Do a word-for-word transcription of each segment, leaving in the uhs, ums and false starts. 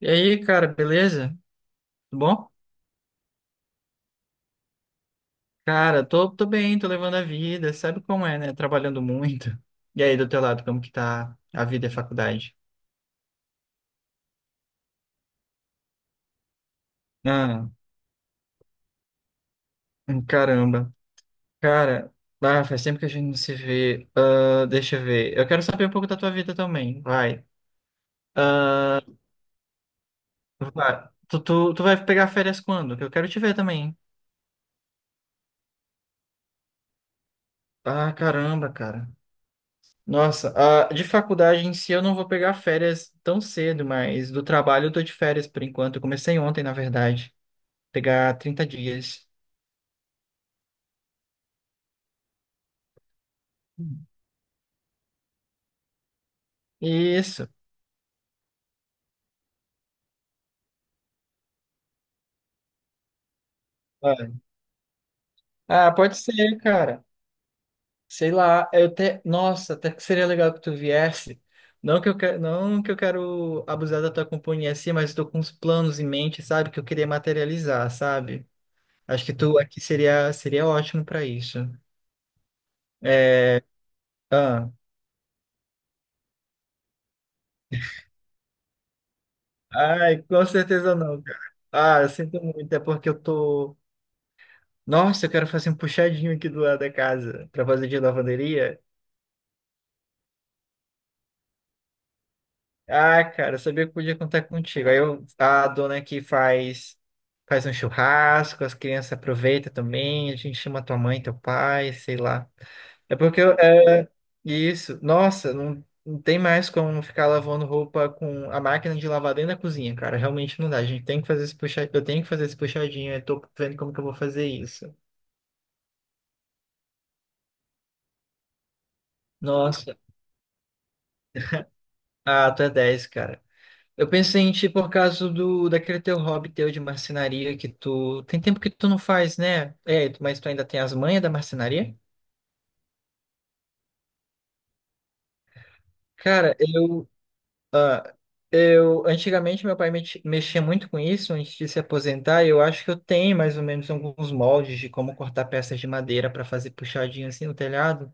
E aí, cara, beleza? Tudo bom? Cara, tô, tô bem, tô levando a vida, sabe como é, né? Trabalhando muito. E aí, do teu lado, como que tá a vida e a faculdade? Ah, hum, caramba. Cara, ah, faz tempo que a gente não se vê. Ah, deixa eu ver. Eu quero saber um pouco da tua vida também, vai. Vai. Tu, tu, tu vai pegar férias quando? Que eu quero te ver também. Ah, caramba, cara. Nossa, ah, de faculdade em si eu não vou pegar férias tão cedo, mas do trabalho eu tô de férias por enquanto. Eu comecei ontem, na verdade. Pegar trinta dias. Isso. Vai. Ah, pode ser, cara. Sei lá, eu até. Nossa, até que seria legal que tu viesse. Não que eu quero, não que eu quero abusar da tua companhia assim, mas estou com uns planos em mente, sabe? Que eu queria materializar, sabe? Acho que tu aqui seria, seria ótimo para isso. É, ah, ai, com certeza não, cara. Ah, eu sinto muito, é porque eu tô. Nossa, eu quero fazer um puxadinho aqui do lado da casa para fazer de lavanderia. Ah, cara, eu sabia que podia contar contigo. Aí eu- a dona aqui faz faz um churrasco, as crianças aproveitam também, a gente chama tua mãe, teu pai, sei lá. É porque eu, é, isso, nossa, não, não tem mais como ficar lavando roupa com a máquina de lavar dentro da cozinha, cara. Realmente não dá. A gente tem que fazer esse puxadinho, eu tenho que fazer esse puxadinho, eu tô vendo como que eu vou fazer isso. Nossa, ah, tu é dez, cara. Eu pensei em ti por causa do daquele teu hobby teu de marcenaria que tu tem tempo que tu não faz, né? É, tu- mas tu ainda tem as manhas da marcenaria? Cara, eu eu antigamente meu pai mex- mexia muito com isso antes de se aposentar, e eu acho que eu tenho mais ou menos alguns moldes de como cortar peças de madeira para fazer puxadinho assim no telhado.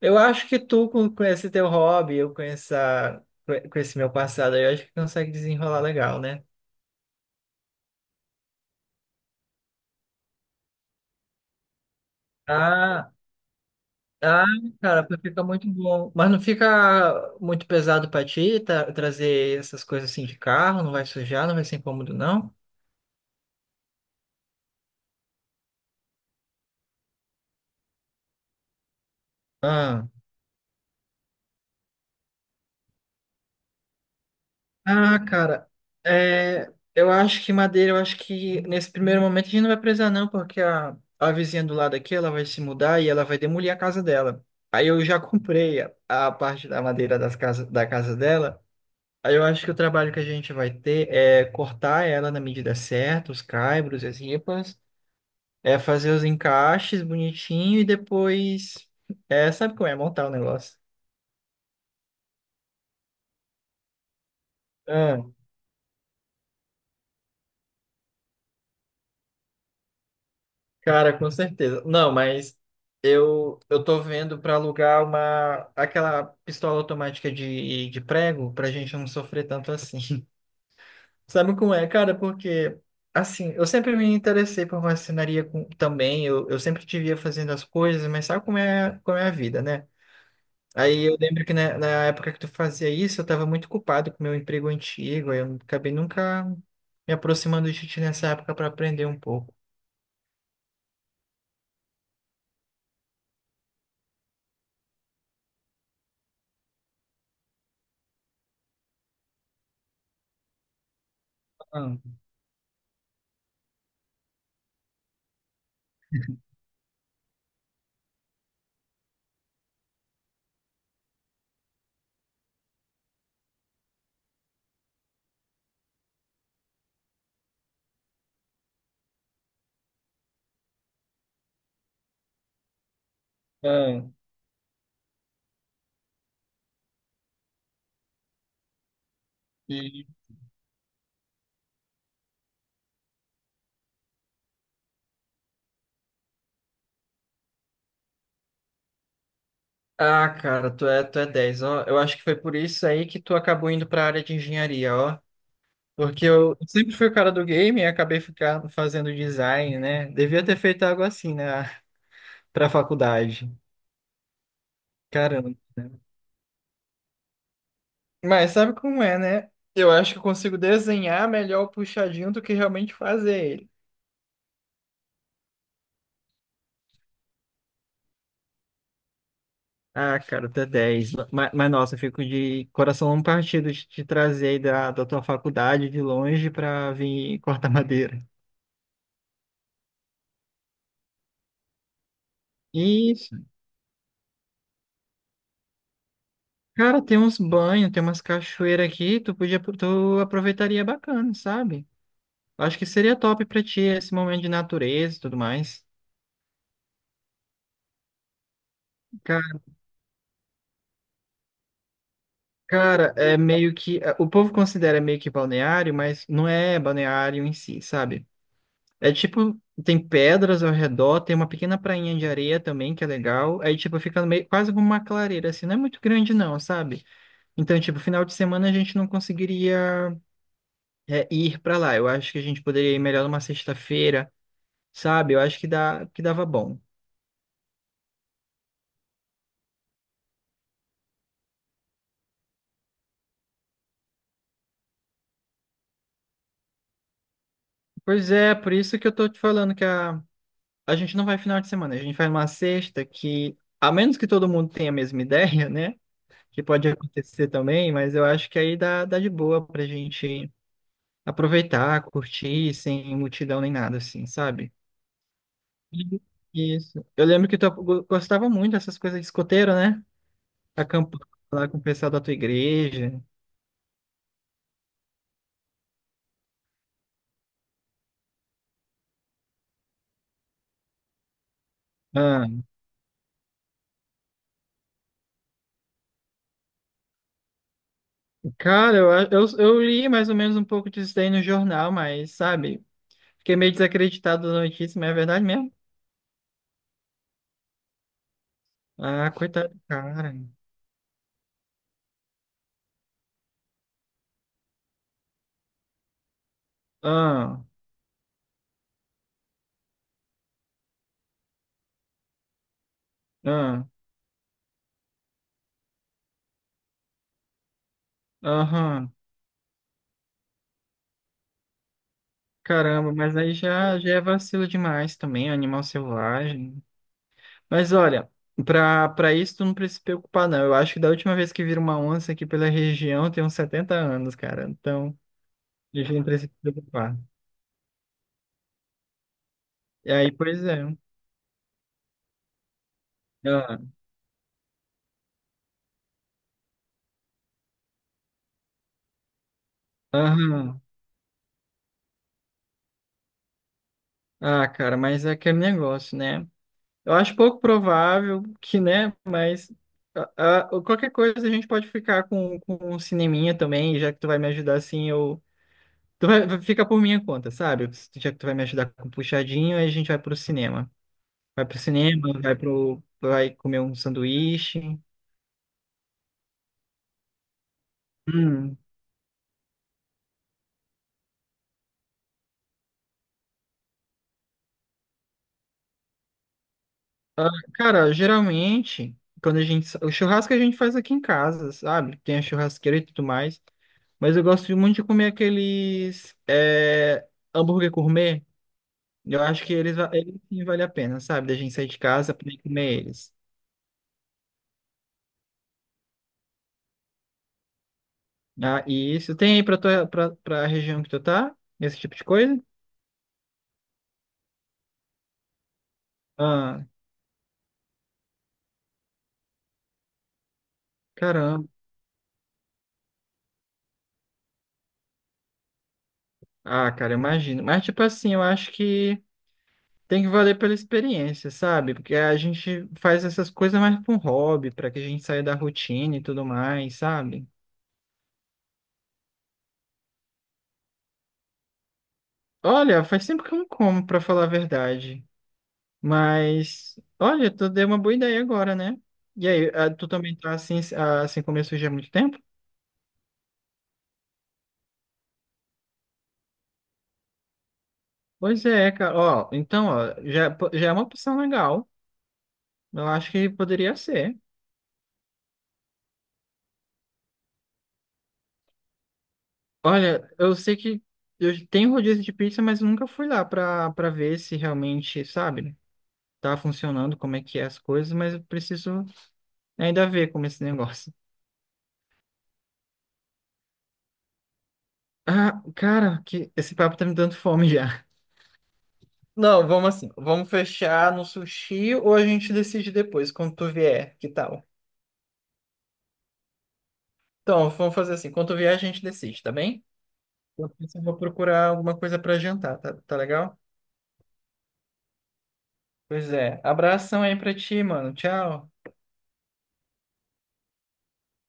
Eu acho que tu com, com esse teu hobby, eu com essa com esse meu passado, aí, eu acho que consegue desenrolar legal, né? Ah, ah, cara, fica muito bom. Mas não fica muito pesado pra ti tra- trazer essas coisas assim de carro? Não vai sujar, não vai ser incômodo, não? Ah, ah, cara, é, eu acho que madeira, eu acho que nesse primeiro momento a gente não vai precisar, não, porque a, a vizinha do lado aqui, ela vai se mudar e ela vai demolir a casa dela. Aí eu já comprei a, a parte da madeira das casa, da casa dela. Aí eu acho que o trabalho que a gente vai ter é cortar ela na medida certa, os caibros, as ripas. É fazer os encaixes bonitinho e depois. É, sabe como é montar o negócio? Ah, cara, com certeza. Não, mas eu eu tô vendo pra alugar uma aquela pistola automática de, de prego pra gente não sofrer tanto assim. Sabe como é, cara? Porque assim, eu sempre me interessei por marcenaria com- também, eu, eu sempre te via fazendo as coisas, mas sabe como é, como é a vida, né? Aí eu lembro que na, na época que tu fazia isso, eu tava muito culpado com o meu emprego antigo, aí eu acabei nunca me aproximando de ti nessa época para aprender um pouco. Ah, ah. E, ah, cara, tu é, tu é dez, ó. Eu acho que foi por isso aí que tu acabou indo para a área de engenharia, ó. Porque eu sempre fui o cara do game e acabei ficando fazendo design, né? Devia ter feito algo assim, né, pra faculdade. Caramba. Né? Mas sabe como é, né? Eu acho que eu consigo desenhar melhor o puxadinho do que realmente fazer. Ah, cara, até dez. Mas, mas, nossa, eu fico de coração partido de te trazer aí da, da tua faculdade de longe pra vir cortar madeira. Isso. Cara, tem uns banhos, tem umas cachoeiras aqui, tu podia, tu aproveitaria bacana, sabe? Acho que seria top pra ti esse momento de natureza e tudo mais. Ca- cara, é meio que. O povo considera meio que balneário, mas não é balneário em si, sabe? É tipo, tem pedras ao redor, tem uma pequena prainha de areia também, que é legal. Aí, tipo, fica meio, quase como uma clareira, assim, não é muito grande não, sabe? Então, tipo, final de semana a gente não conseguiria é, ir pra lá. Eu acho que a gente poderia ir melhor numa sexta-feira, sabe? Eu acho que dá, que dava bom. Pois é, por isso que eu tô te falando que a, a gente não vai final de semana, a gente vai numa sexta que, a menos que todo mundo tenha a mesma ideia, né? Que pode acontecer também, mas eu acho que aí dá, dá de boa pra gente aproveitar, curtir, sem multidão nem nada, assim, sabe? Uhum. Isso. Eu lembro que tu go- gostava muito dessas coisas de escoteiro, né? Acampar lá com o pessoal da tua igreja. Ah, cara, eu, a- eu, eu li mais ou menos um pouco disso daí no jornal, mas, sabe? Fiquei meio desacreditado da notícia, mas é verdade mesmo? Ah, coitado do cara. Ah, ah, aham. Caramba, mas aí já, já é vacilo demais também, animal selvagem. Mas olha, pra, pra isso tu não precisa se preocupar, não. Eu acho que da última vez que vira uma onça aqui pela região tem uns setenta anos, cara. Então, a gente não precisa se preocupar. E aí, pois é. Ah, aham. Ah, cara, mas é aquele negócio, né? Eu acho pouco provável que, né? Mas ah, ah, qualquer coisa a gente pode ficar com, com um cineminha também, já que tu vai me ajudar assim, eu. Tu vai, vai ficar por minha conta, sabe? Já que tu vai me ajudar com puxadinho, aí a gente vai pro cinema. Vai pro cinema, vai pro, vai comer um sanduíche. Hum. Ah, cara, geralmente, quando a gente. Sa- o churrasco a gente faz aqui em casa, sabe? Tem a churrasqueira e tudo mais. Mas eu gosto muito de comer aqueles é, hambúrguer gourmet. Eu acho que eles, va- eles sim vale a pena, sabe? Da gente sair de casa pra ir comer eles. Ah, e isso tem aí pra, tua, pra, pra região que tu tá? Esse tipo de coisa? Ah, caramba. Ah, cara, eu imagino. Mas, tipo assim, eu acho que. Tem que valer pela experiência, sabe? Porque a gente faz essas coisas mais para um hobby, para que a gente saia da rotina e tudo mais, sabe? Olha, faz tempo que eu não como, para falar a verdade. Mas, olha, tu deu uma boa ideia agora, né? E aí, ah, tu também tá assim, ah, assim como eu surgi há muito tempo? Pois é, cara. Ó, então, ó, já, já é uma opção legal. Eu acho que poderia ser. Olha, eu sei que eu tenho rodízio de pizza, mas nunca fui lá para para ver se realmente, sabe? Tá funcionando, como é que é as coisas, mas eu preciso ainda ver como é esse negócio. Ah, cara, que esse papo tá me dando fome já. Não, vamos assim. Vamos fechar no sushi ou a gente decide depois, quando tu vier, que tal? Então, vamos fazer assim. Quando tu vier, a gente decide, tá bem? Eu preciso- vou procurar alguma coisa pra jantar, tá, tá legal? Pois é. Abração aí pra ti, mano. Tchau.